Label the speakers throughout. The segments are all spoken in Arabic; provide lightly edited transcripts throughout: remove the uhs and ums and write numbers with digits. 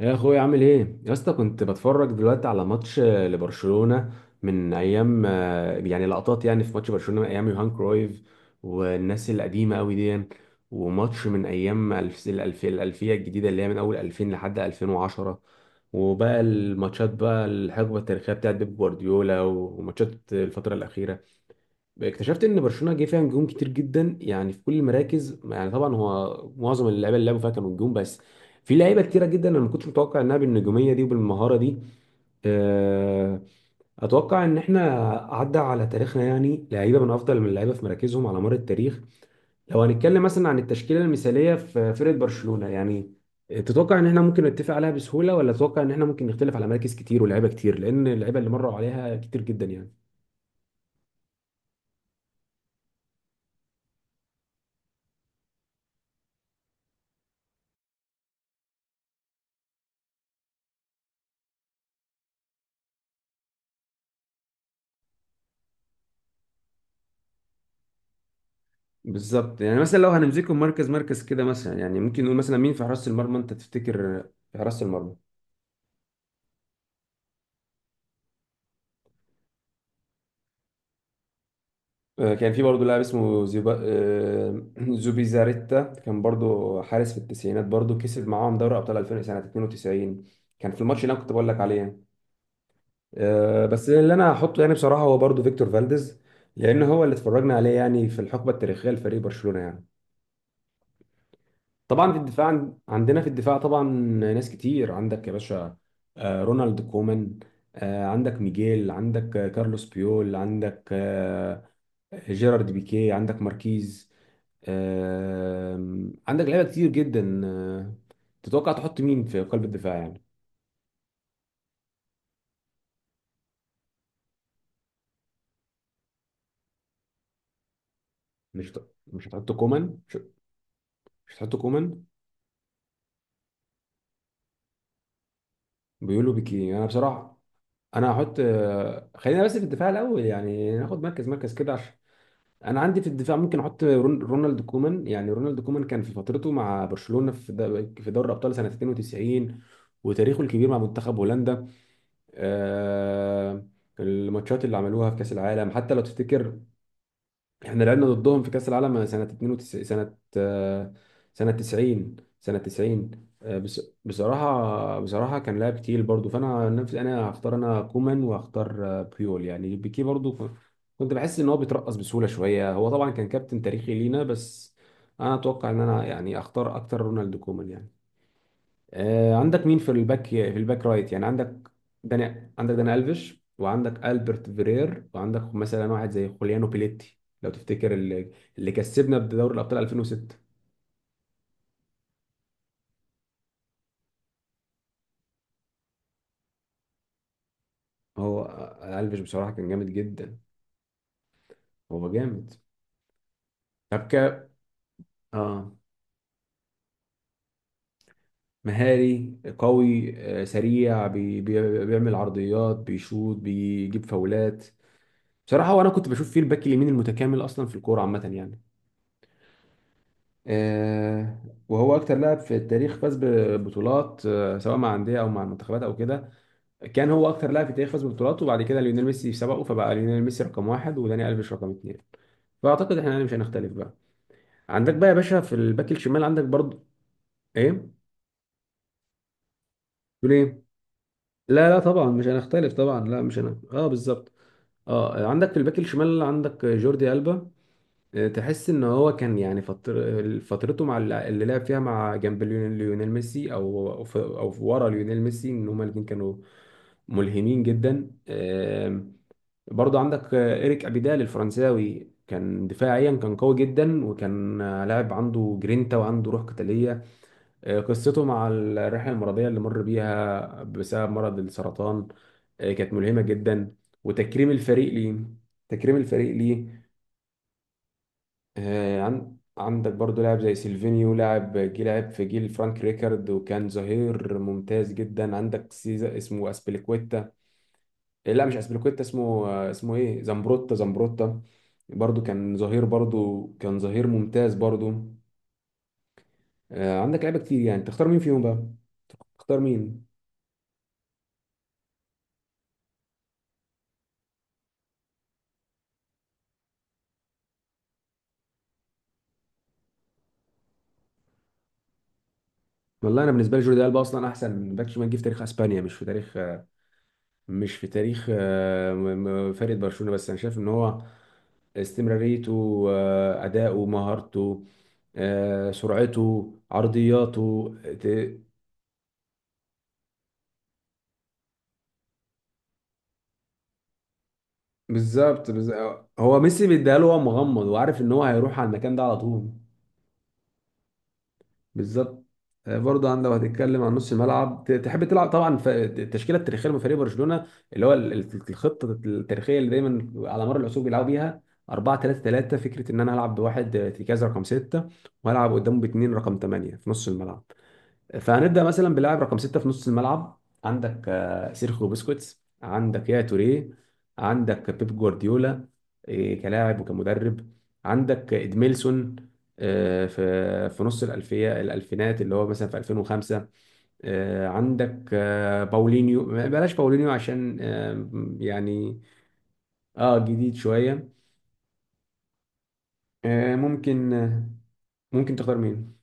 Speaker 1: يا اخويا عامل ايه يا اسطى؟ كنت بتفرج دلوقتي على ماتش لبرشلونة من ايام لقطات يعني في ماتش برشلونة من ايام يوهان كرويف والناس القديمة قوي دي، وماتش من ايام الالفية الجديدة اللي هي من اول 2000 لحد 2010، وبقى الماتشات بقى الحقبة التاريخية بتاعت بيب جوارديولا وماتشات الفترة الأخيرة. اكتشفت ان برشلونه جه فيها نجوم كتير جدا يعني في كل المراكز، يعني طبعا هو معظم اللعيبه اللي لعبوا فيها كانوا نجوم، بس في لعيبه كتيره جدا انا ما كنتش متوقع انها بالنجوميه دي وبالمهاره دي. آه، اتوقع ان احنا عدى على تاريخنا يعني لعيبه من افضل من اللعيبه في مراكزهم على مر التاريخ. لو هنتكلم مثلا عن التشكيله المثاليه في فرقه برشلونه يعني، تتوقع ان احنا ممكن نتفق عليها بسهوله، ولا تتوقع ان احنا ممكن نختلف على مراكز كتير ولاعيبه كتير لان اللعيبه اللي مروا عليها كتير جدا يعني. بالظبط، يعني مثلا لو هنمسكهم مركز مركز كده، مثلا يعني ممكن نقول مثلا مين في حراسة المرمى؟ انت تفتكر في حراسة المرمى؟ كان في برضه لاعب اسمه زيبا، زوبيزاريتا، كان برضه حارس في التسعينات، برضه كسب معاهم دوري ابطال 2000 سنة 92، كان في الماتش اللي انا كنت بقول لك عليه يعني. بس اللي انا هحطه يعني بصراحة هو برضه فيكتور فالديز، لان هو اللي اتفرجنا عليه يعني في الحقبة التاريخية لفريق برشلونة يعني. طبعا في الدفاع عندنا في الدفاع طبعا ناس كتير عندك يا باشا. رونالد كومان، عندك ميجيل، عندك كارلوس بيول، عندك جيرارد بيكيه، عندك ماركيز، آه، عندك لعيبه كتير جدا. تتوقع تحط مين في قلب الدفاع يعني؟ مش هتحط كومان؟ مش هتحط كومان؟ بيقولوا بيكيه. انا بصراحه انا هحط خلينا بس في الدفاع الاول يعني، ناخد مركز مركز كده عشان انا عندي في الدفاع ممكن احط رونالد كومان. يعني رونالد كومان كان في فترته مع برشلونة في في دوري الابطال سنة 92، وتاريخه الكبير مع منتخب هولندا. آه، الماتشات اللي عملوها في كأس العالم، حتى لو تفتكر احنا لعبنا ضدهم في كأس العالم سنة 92، سنة سنة 90، سنة 90 بصراحة كان لاعب تقيل برضو، فأنا نفسي أنا هختار أنا كومان وهختار بيول، يعني بيكي برضو كنت بحس إن هو بيترقص بسهولة شوية، هو طبعا كان كابتن تاريخي لينا، بس أنا أتوقع إن أنا يعني أختار أكتر رونالد كومان يعني. عندك مين في الباك، في الباك رايت؟ يعني عندك داني، عندك داني الفيش، وعندك البرت فيرير، وعندك مثلا واحد زي خوليانو بيليتي لو تفتكر، اللي كسبنا بدوري الابطال 2006. هو الفيش بصراحه كان جامد جدا، هو جامد. طب ك اه، مهاري قوي، سريع، بيعمل عرضيات، بيشوط، بيجيب فاولات، بصراحه. وانا كنت بشوف فيه الباك اليمين المتكامل اصلا في الكوره عامه يعني. آه، وهو اكتر لاعب في التاريخ فاز ببطولات، سواء مع انديه او مع المنتخبات او كده. كان هو اكتر لاعب في التاريخ فاز ببطولات، وبعد كده ليونيل ميسي سبقه، فبقى ليونيل ميسي رقم واحد وداني الفيش رقم اتنين. فاعتقد احنا يعني مش هنختلف بقى. عندك بقى يا باشا في الباك الشمال عندك برضو، ايه تقول ايه؟ لا لا طبعا مش هنختلف طبعا، لا مش هن... اه بالظبط. اه عندك في الباك الشمال عندك جوردي ألبا، تحس ان هو كان يعني فترته مع اللي لعب فيها مع جنب ليونيل ميسي، او او أو ورا ليونيل ميسي، ان هما الاثنين كانوا ملهمين جدا. برضو عندك ايريك ابيدال الفرنساوي، كان دفاعيا كان قوي جدا، وكان لاعب عنده جرينتا وعنده روح قتاليه. قصته مع الرحله المرضيه اللي مر بيها بسبب مرض السرطان، كانت ملهمه جدا، وتكريم الفريق ليه، تكريم الفريق ليه. عندك برضو لاعب زي سيلفينيو، لاعب جه لعب في جيل فرانك ريكارد وكان ظهير ممتاز جدا. عندك سيزا اسمه اسبليكويتا، لا مش اسبليكويتا، اسمه اسمه ايه، زامبروتا، برضو كان ظهير، برضو كان ظهير ممتاز برضو. عندك لعيبه كتير يعني، تختار مين فيهم بقى؟ تختار مين؟ والله انا بالنسبه لي جوردي البا اصلا احسن باك شمال جه في تاريخ اسبانيا، مش في تاريخ مش في تاريخ فرقه برشلونه بس، انا شايف ان هو استمراريته، أداؤه، مهارته، سرعته، عرضياته بالظبط. بالظبط. هو ميسي بيديها له وهو مغمض، وعارف ان هو هيروح على المكان ده على طول. بالظبط. برضه لو هتتكلم عن نص الملعب تحب تلعب طبعا التشكيله التاريخيه لفريق برشلونه، اللي هو الخطه التاريخيه اللي دايما على مر العصور بيلعبوا بيها 4 3 3. فكره ان انا هلعب بواحد ارتكاز رقم 6، وهلعب قدامه باثنين رقم 8 في نص الملعب. فهنبدأ مثلا بلاعب رقم ستة في نص الملعب، عندك سيرخيو بوسكيتس، عندك يا توريه، عندك بيب جوارديولا كلاعب وكمدرب، عندك ادميلسون في نص الألفية، الألفينات اللي هو مثلا في 2005، عندك باولينيو، بلاش باولينيو عشان يعني اه جديد شوية. ممكن ممكن تختار مين؟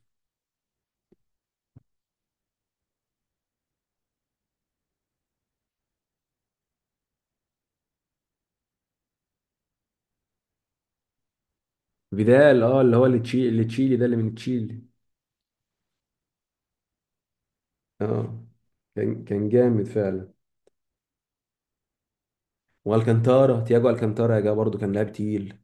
Speaker 1: فيدال، اه اللي هو اللي تشيلي ده، اللي من تشيلي. اه كان كان جامد فعلا. والكانتارا، تياجو الكانتارا، يا جماعه برضه كان لاعب تقيل.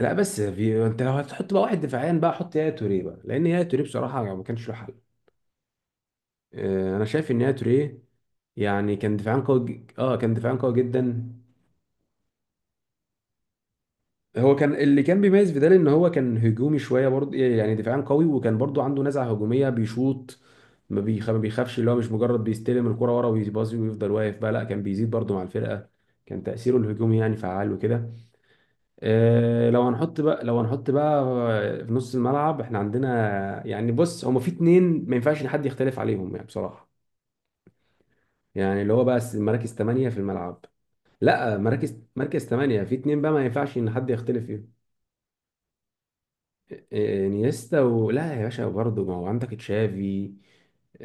Speaker 1: لا بس في، انت لو هتحط بقى واحد دفاعيا بقى، حط يا توريه بقى لان يا توريه بصراحه ما كانش له حل. انا شايف ان يا توريه يعني كان دفاعيا قوي اه كان دفاعيا قوي جدا. هو كان اللي كان بيميز في ده ان هو كان هجومي شويه برضه، يعني دفاعيا قوي وكان برضه عنده نزعه هجوميه، بيشوط، ما بيخافش. اللي هو مش مجرد بيستلم الكرة ورا ويباصي ويفضل واقف بقى، لا كان بيزيد برضه مع الفرقه، كان تاثيره الهجومي يعني فعال وكده. لو هنحط بقى في نص الملعب، احنا عندنا يعني، بص هما في اتنين ما ينفعش إن حد يختلف عليهم يعني بصراحة، يعني اللي هو بقى مراكز تمانية في الملعب. لا مراكز، مركز تمانية في اتنين بقى ما ينفعش ان حد يختلف فيهم. انيستا لا يا باشا برضه، ما هو عندك تشافي،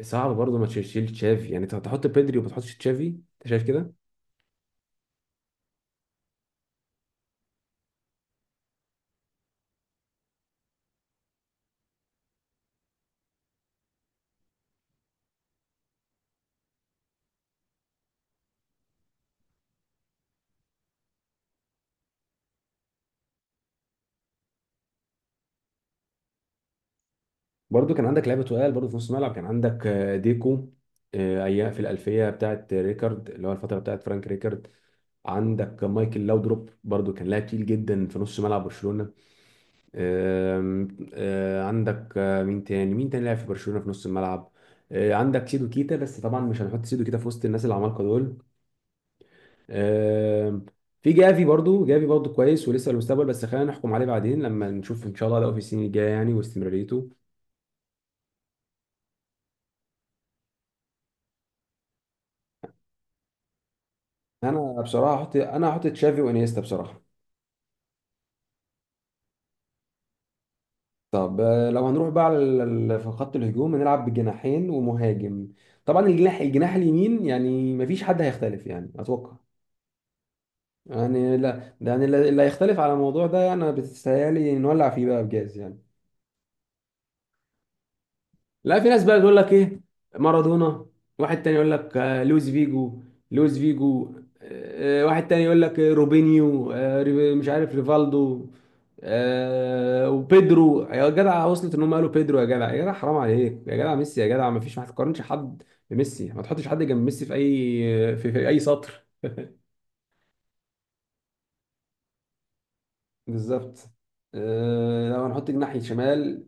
Speaker 1: صعب برضه ما تشيل تشافي يعني، انت هتحط بيدري وما تحطش تشافي؟ انت شايف كده؟ برضه كان عندك لعيبه تقال برضه في نص الملعب، كان عندك ديكو ايام في الالفيه بتاعت ريكارد، اللي هو الفتره بتاعت فرانك ريكارد. عندك مايكل لاودروب برضو كان لاعب تقيل جدا في نص ملعب برشلونة. آم، آه، عندك مين تاني لعب في برشلونة في نص الملعب؟ عندك سيدو كيتا، بس طبعا مش هنحط سيدو كيتا في وسط الناس العمالقة دول. آم، في جافي برضو، جافي برضو كويس ولسه المستقبل، بس خلينا نحكم عليه بعدين لما نشوف ان شاء الله ده في السنين الجاية يعني، واستمراريته. انا بصراحة هحط، انا هحط تشافي وانيستا بصراحة. طب لو هنروح بقى على في خط الهجوم، هنلعب بجناحين ومهاجم. طبعا الجناح، الجناح اليمين يعني مفيش حد هيختلف يعني اتوقع. يعني لا ده يعني اللي هيختلف على الموضوع ده انا بتستاهلي نولع فيه بقى بجاز يعني. لا في ناس بقى تقول لك ايه، مارادونا، واحد تاني يقول لك لويس فيجو، لويس فيجو واحد تاني يقول لك روبينيو، مش عارف، ريفالدو، وبيدرو يا جدع. وصلت ان هم قالوا بيدرو يا جدع، يا جدع حرام عليك يا جدع، ميسي يا جدع، ما فيش، ما تقارنش حد بميسي، ما تحطش حد جنب ميسي في اي في, في اي سطر. بالظبط. لو هنحط جناح شمال.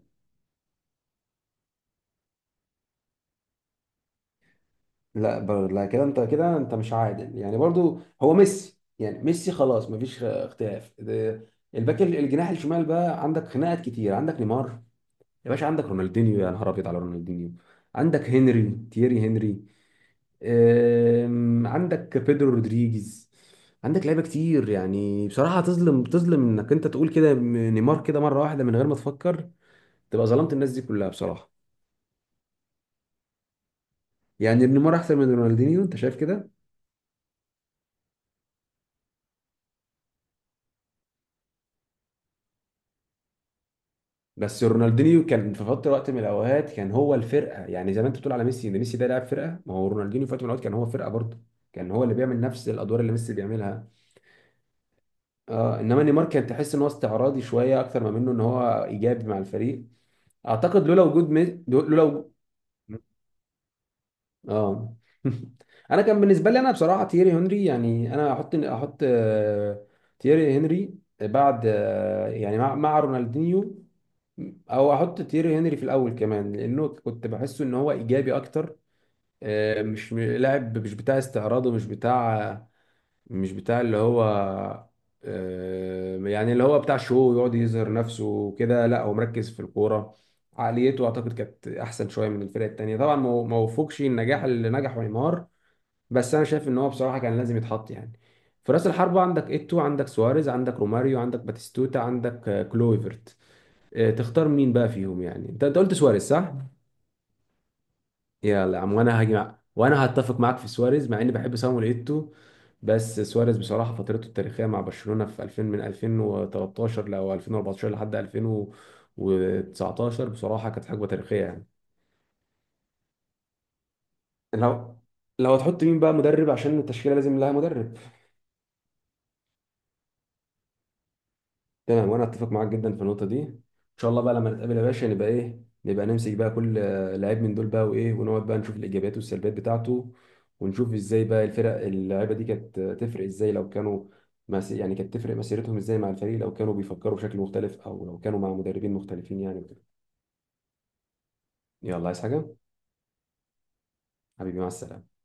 Speaker 1: لا كده انت، كده انت مش عادل يعني، برضو هو ميسي يعني، ميسي خلاص مفيش اختلاف ده، الجناح الشمال بقى عندك خناقات كتير، عندك نيمار يا باشا، عندك رونالدينيو، يا نهار ابيض على رونالدينيو، عندك هنري، تييري هنري، عندك بيدرو رودريجيز. عندك لعيبه كتير يعني بصراحه، تظلم، تظلم انك انت تقول كده نيمار كده مره واحده من غير ما تفكر، تبقى ظلمت الناس دي كلها بصراحه. يعني نيمار احسن من رونالدينيو، انت شايف كده؟ بس رونالدينيو كان في فتره، وقت من الاوقات كان هو الفرقه يعني، زي ما انت بتقول على ميسي ان ميسي ده لاعب فرقه، ما هو رونالدينيو في وقت من الاوقات كان هو فرقه برضه، كان هو اللي بيعمل نفس الادوار اللي ميسي بيعملها. اه انما نيمار كان تحس ان هو استعراضي شويه اكتر ما منه ان هو ايجابي مع الفريق. اعتقد لولا وجود اه انا كان بالنسبه لي انا بصراحه تييري هنري، يعني انا احط، احط تييري هنري بعد، يعني مع رونالدينيو، او احط تيري هنري في الاول كمان، لانه كنت بحسه ان هو ايجابي اكتر، مش لاعب مش بتاع استعراض، ومش بتاع، مش بتاع اللي هو يعني اللي هو بتاع شو يقعد يظهر نفسه وكده، لا هو مركز في الكوره. عقليته اعتقد كانت احسن شويه من الفرق التانيه، طبعا ما وفقش النجاح اللي نجحه نيمار، بس انا شايف ان هو بصراحه كان لازم يتحط يعني. في راس الحربه عندك ايتو، عندك سواريز، عندك روماريو، عندك باتيستوتا، عندك كلويفرت. إيه، تختار مين بقى فيهم يعني؟ انت انت قلت سواريز صح؟ يلا يا عم، وانا هتفق معاك في سواريز، مع اني بحب سامويل ايتو. بس سواريز بصراحه فترته التاريخيه مع برشلونه في 2000، من 2013 لو 2014 لحد 2019، بصراحه كانت حقبه تاريخيه يعني. لو لو هتحط مين بقى مدرب عشان التشكيله لازم لها مدرب. تمام، وانا اتفق معاك جدا في النقطه دي. ان شاء الله بقى لما نتقابل يا باشا نبقى ايه، نبقى نمسك بقى كل لعيب من دول بقى وايه، ونقعد بقى نشوف الايجابيات والسلبيات بتاعته، ونشوف ازاي بقى الفرق اللعيبه دي كانت تفرق ازاي لو كانوا يعني كانت تفرق مسيرتهم ازاي مع الفريق لو كانوا بيفكروا بشكل مختلف، او لو كانوا مع مدربين مختلفين يعني وكده. يلا عايز حاجه؟ حبيبي مع السلامه.